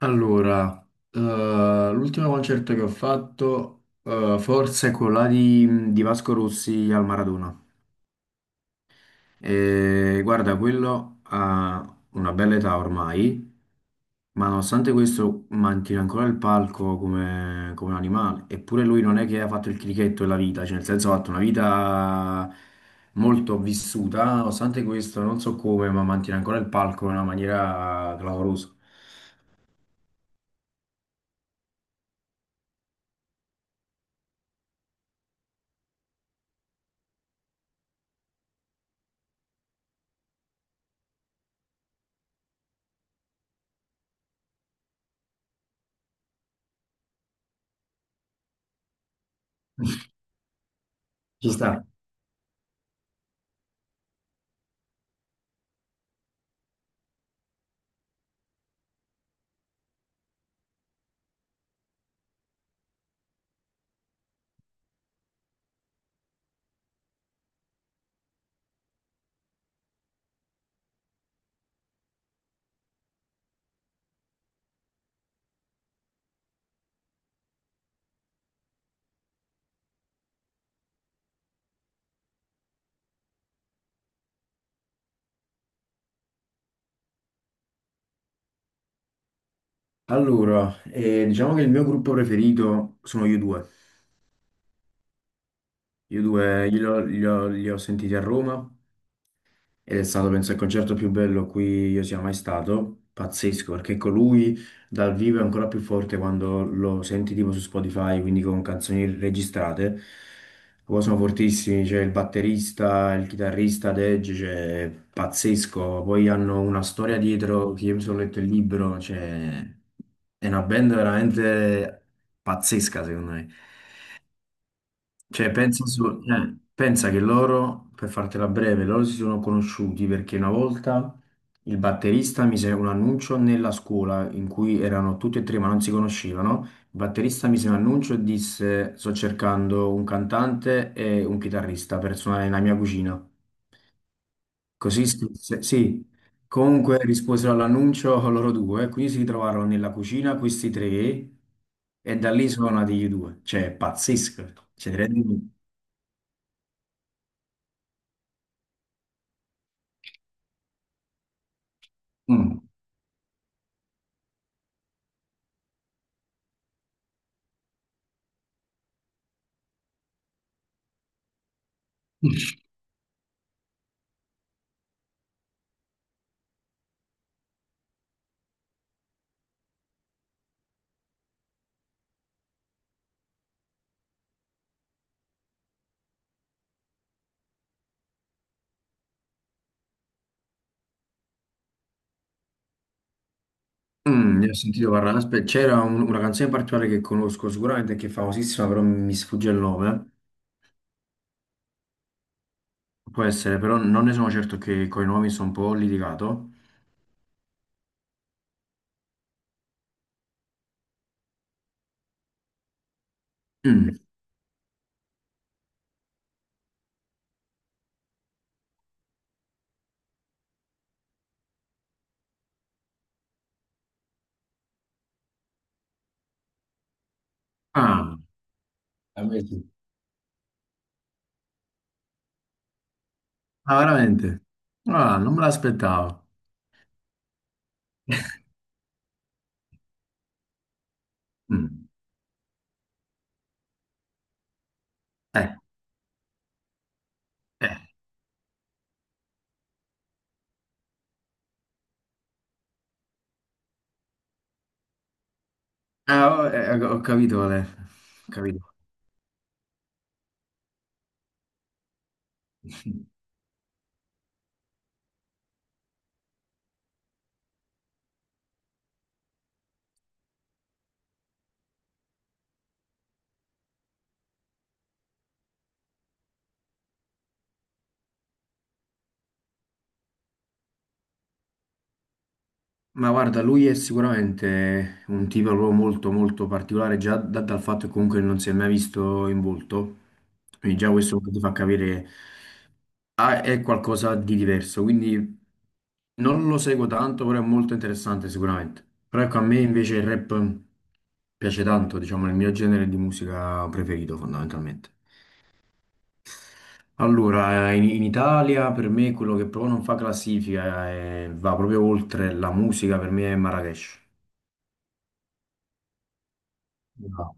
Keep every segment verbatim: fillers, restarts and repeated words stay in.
Allora, eh, l'ultimo concerto che ho fatto, eh, forse è quello là di, di Vasco Rossi al Maradona. E guarda, quello ha una bella età ormai, ma nonostante questo mantiene ancora il palco come, come un animale. Eppure lui non è che ha fatto il crichetto della vita, cioè nel senso ha fatto una vita molto vissuta, nonostante questo non so come, ma mantiene ancora il palco in una maniera clamorosa. Ci sta. Allora, eh, diciamo che il mio gruppo preferito sono io due. Io due li ho, li ho- li ho sentiti a Roma, ed è stato, penso, il concerto più bello a cui io sia mai stato. Pazzesco, perché con lui dal vivo è ancora più forte quando lo senti tipo su Spotify, quindi con canzoni registrate. Poi sono fortissimi, c'è il batterista, il chitarrista, Dej, cioè, pazzesco. Poi hanno una storia dietro, che io mi sono letto il libro, cioè, è una band veramente pazzesca, secondo me. Cioè, pensa, su- eh, pensa che loro, per fartela breve, loro si sono conosciuti perché una volta il batterista mise un annuncio nella scuola in cui erano tutti e tre ma non si conoscevano. Il batterista mise un annuncio e disse: Sto cercando un cantante e un chitarrista per suonare nella mia cucina. Così scrisse, sì. Comunque risposero all'annuncio loro due, quindi si ritrovarono nella cucina questi tre e da lì sono nati gli due. Cioè, pazzesco. Cioè, ti rendi conto? Mm. Mm, ne ho sentito parlare, aspetta, c'era un- una canzone in particolare che conosco sicuramente che è famosissima, però mi sfugge il nome. Può essere, però non ne sono certo che coi nomi sono un po' litigato. Mm. Ah. A me sì. Ah, veramente? Ah, non me l'aspettavo. Mm. Eh, eh. Ah, ho, eh, ho capito qual è. Ho capito. Ma guarda, lui è sicuramente un tipo proprio molto molto particolare, già da- dal fatto che comunque non si è mai visto in volto, quindi già questo ti fa capire ah, è qualcosa di diverso, quindi non lo seguo tanto, però è molto interessante sicuramente. Però ecco, a me invece il rap piace tanto, diciamo, è il mio genere di musica preferito fondamentalmente. Allora, eh, in, in Italia per me quello che proprio non fa classifica e va proprio oltre la musica, per me è Marrakesh. No,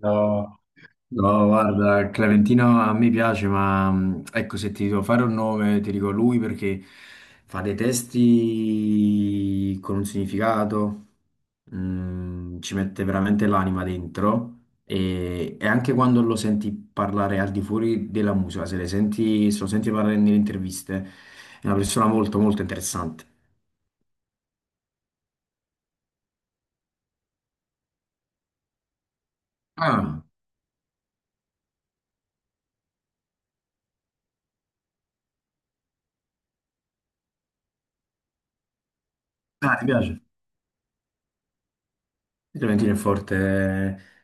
no, no, guarda, Clementino a me piace, ma mh, ecco, se ti devo fare un nome, ti dico lui perché fa dei testi con un significato, mh, ci mette veramente l'anima dentro e, e anche quando lo senti parlare al di fuori della musica, se, le senti, se lo senti parlare nelle interviste, è una persona molto, molto interessante. Ah, ah, ti piace? Fiorentino è forte,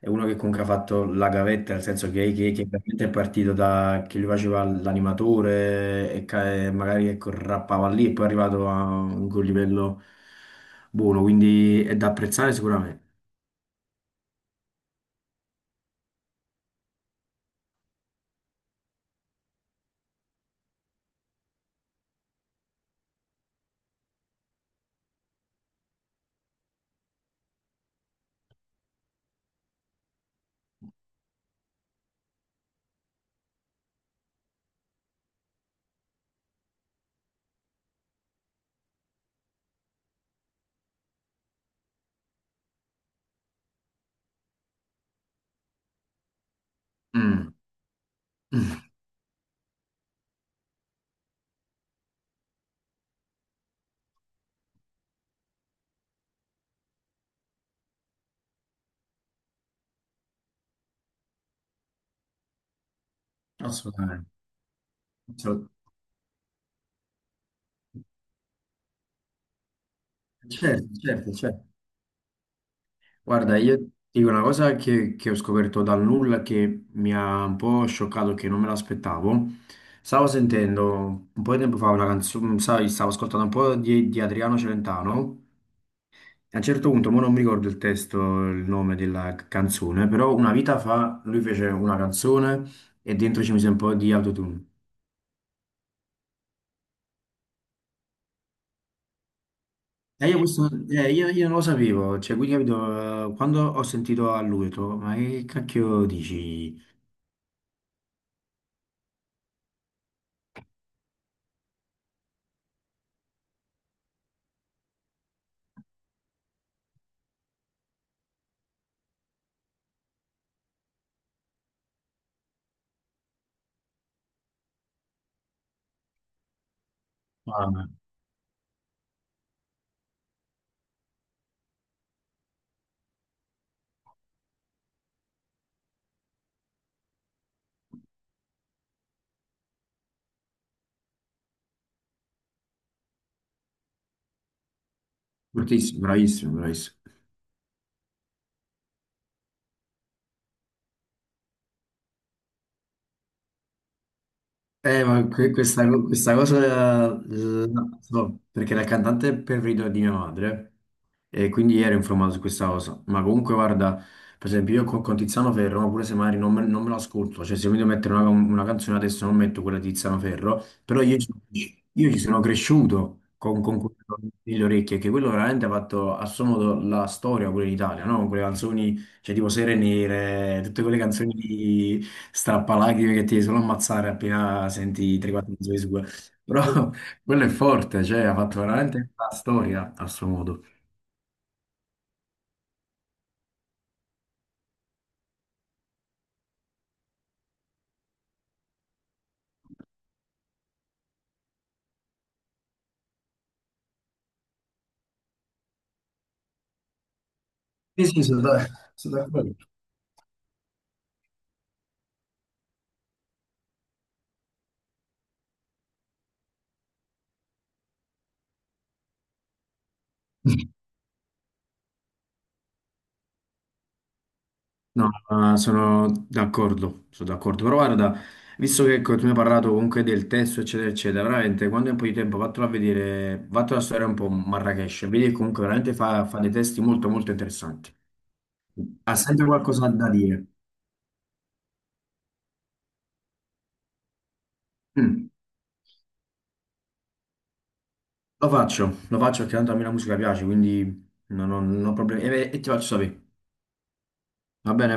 è uno che comunque ha fatto la gavetta, nel senso che, che- che veramente è partito da che lui faceva l'animatore e ca- e magari ecco, rappava lì e poi è arrivato a un quel livello buono, quindi è da apprezzare sicuramente. Mm. Mm. Assolutamente. Assolut- Certo, certo, certo. Guarda, io ti dico una cosa che, che ho scoperto dal nulla che mi ha un po' scioccato, che non me l'aspettavo. Stavo sentendo un po' di tempo fa una canzone, sai, stavo ascoltando un po' di, di Adriano Celentano. E a un certo punto, mo non mi ricordo il testo, il nome della c- canzone, però una vita fa lui fece una canzone e dentro ci mise un po' di autotune. E io, sì, questo, eh, io, io non lo sapevo, cioè, quindi capito, eh, quando ho sentito a lui, ho detto, ma che cacchio dici? Ah, fortissimo, bravissimo, bravissimo. Eh, ma que- questa, co- questa cosa eh, la so, perché la cantante è preferita di mia madre e quindi ero informato su questa cosa. Ma comunque, guarda, per esempio, io con, con Tiziano Ferro, ma pure se magari non me, non me l'ascolto, cioè se mi devo mettere una, una canzone adesso non metto quella di Tiziano Ferro, però io, ci io ci sono cresciuto con, con quello nelle orecchie, che quello veramente ha fatto a suo modo la storia pure in Italia, no? Con quelle canzoni, cioè, tipo Sere Nere, tutte quelle canzoni di strappalacrime che ti riescono a ammazzare appena senti tre o quattro mezzo di sua. Però quello è forte, cioè, ha fatto veramente la storia a suo modo. Sì, sì, sono da- sono d'accordo. No, ma sono d'accordo, sono d'accordo. Però guarda, visto che ecco, tu mi hai parlato comunque del testo, eccetera, eccetera, veramente quando è un po' di tempo vattelo a vedere, vattelo a studiare un po' Marrakesh, vedi che comunque veramente fa, fa dei testi molto molto interessanti. Ha sempre qualcosa da dire. Mm. Lo faccio, lo faccio perché tanto a me la musica piace, quindi non ho, non ho problemi. E, e ti faccio sapere, va bene?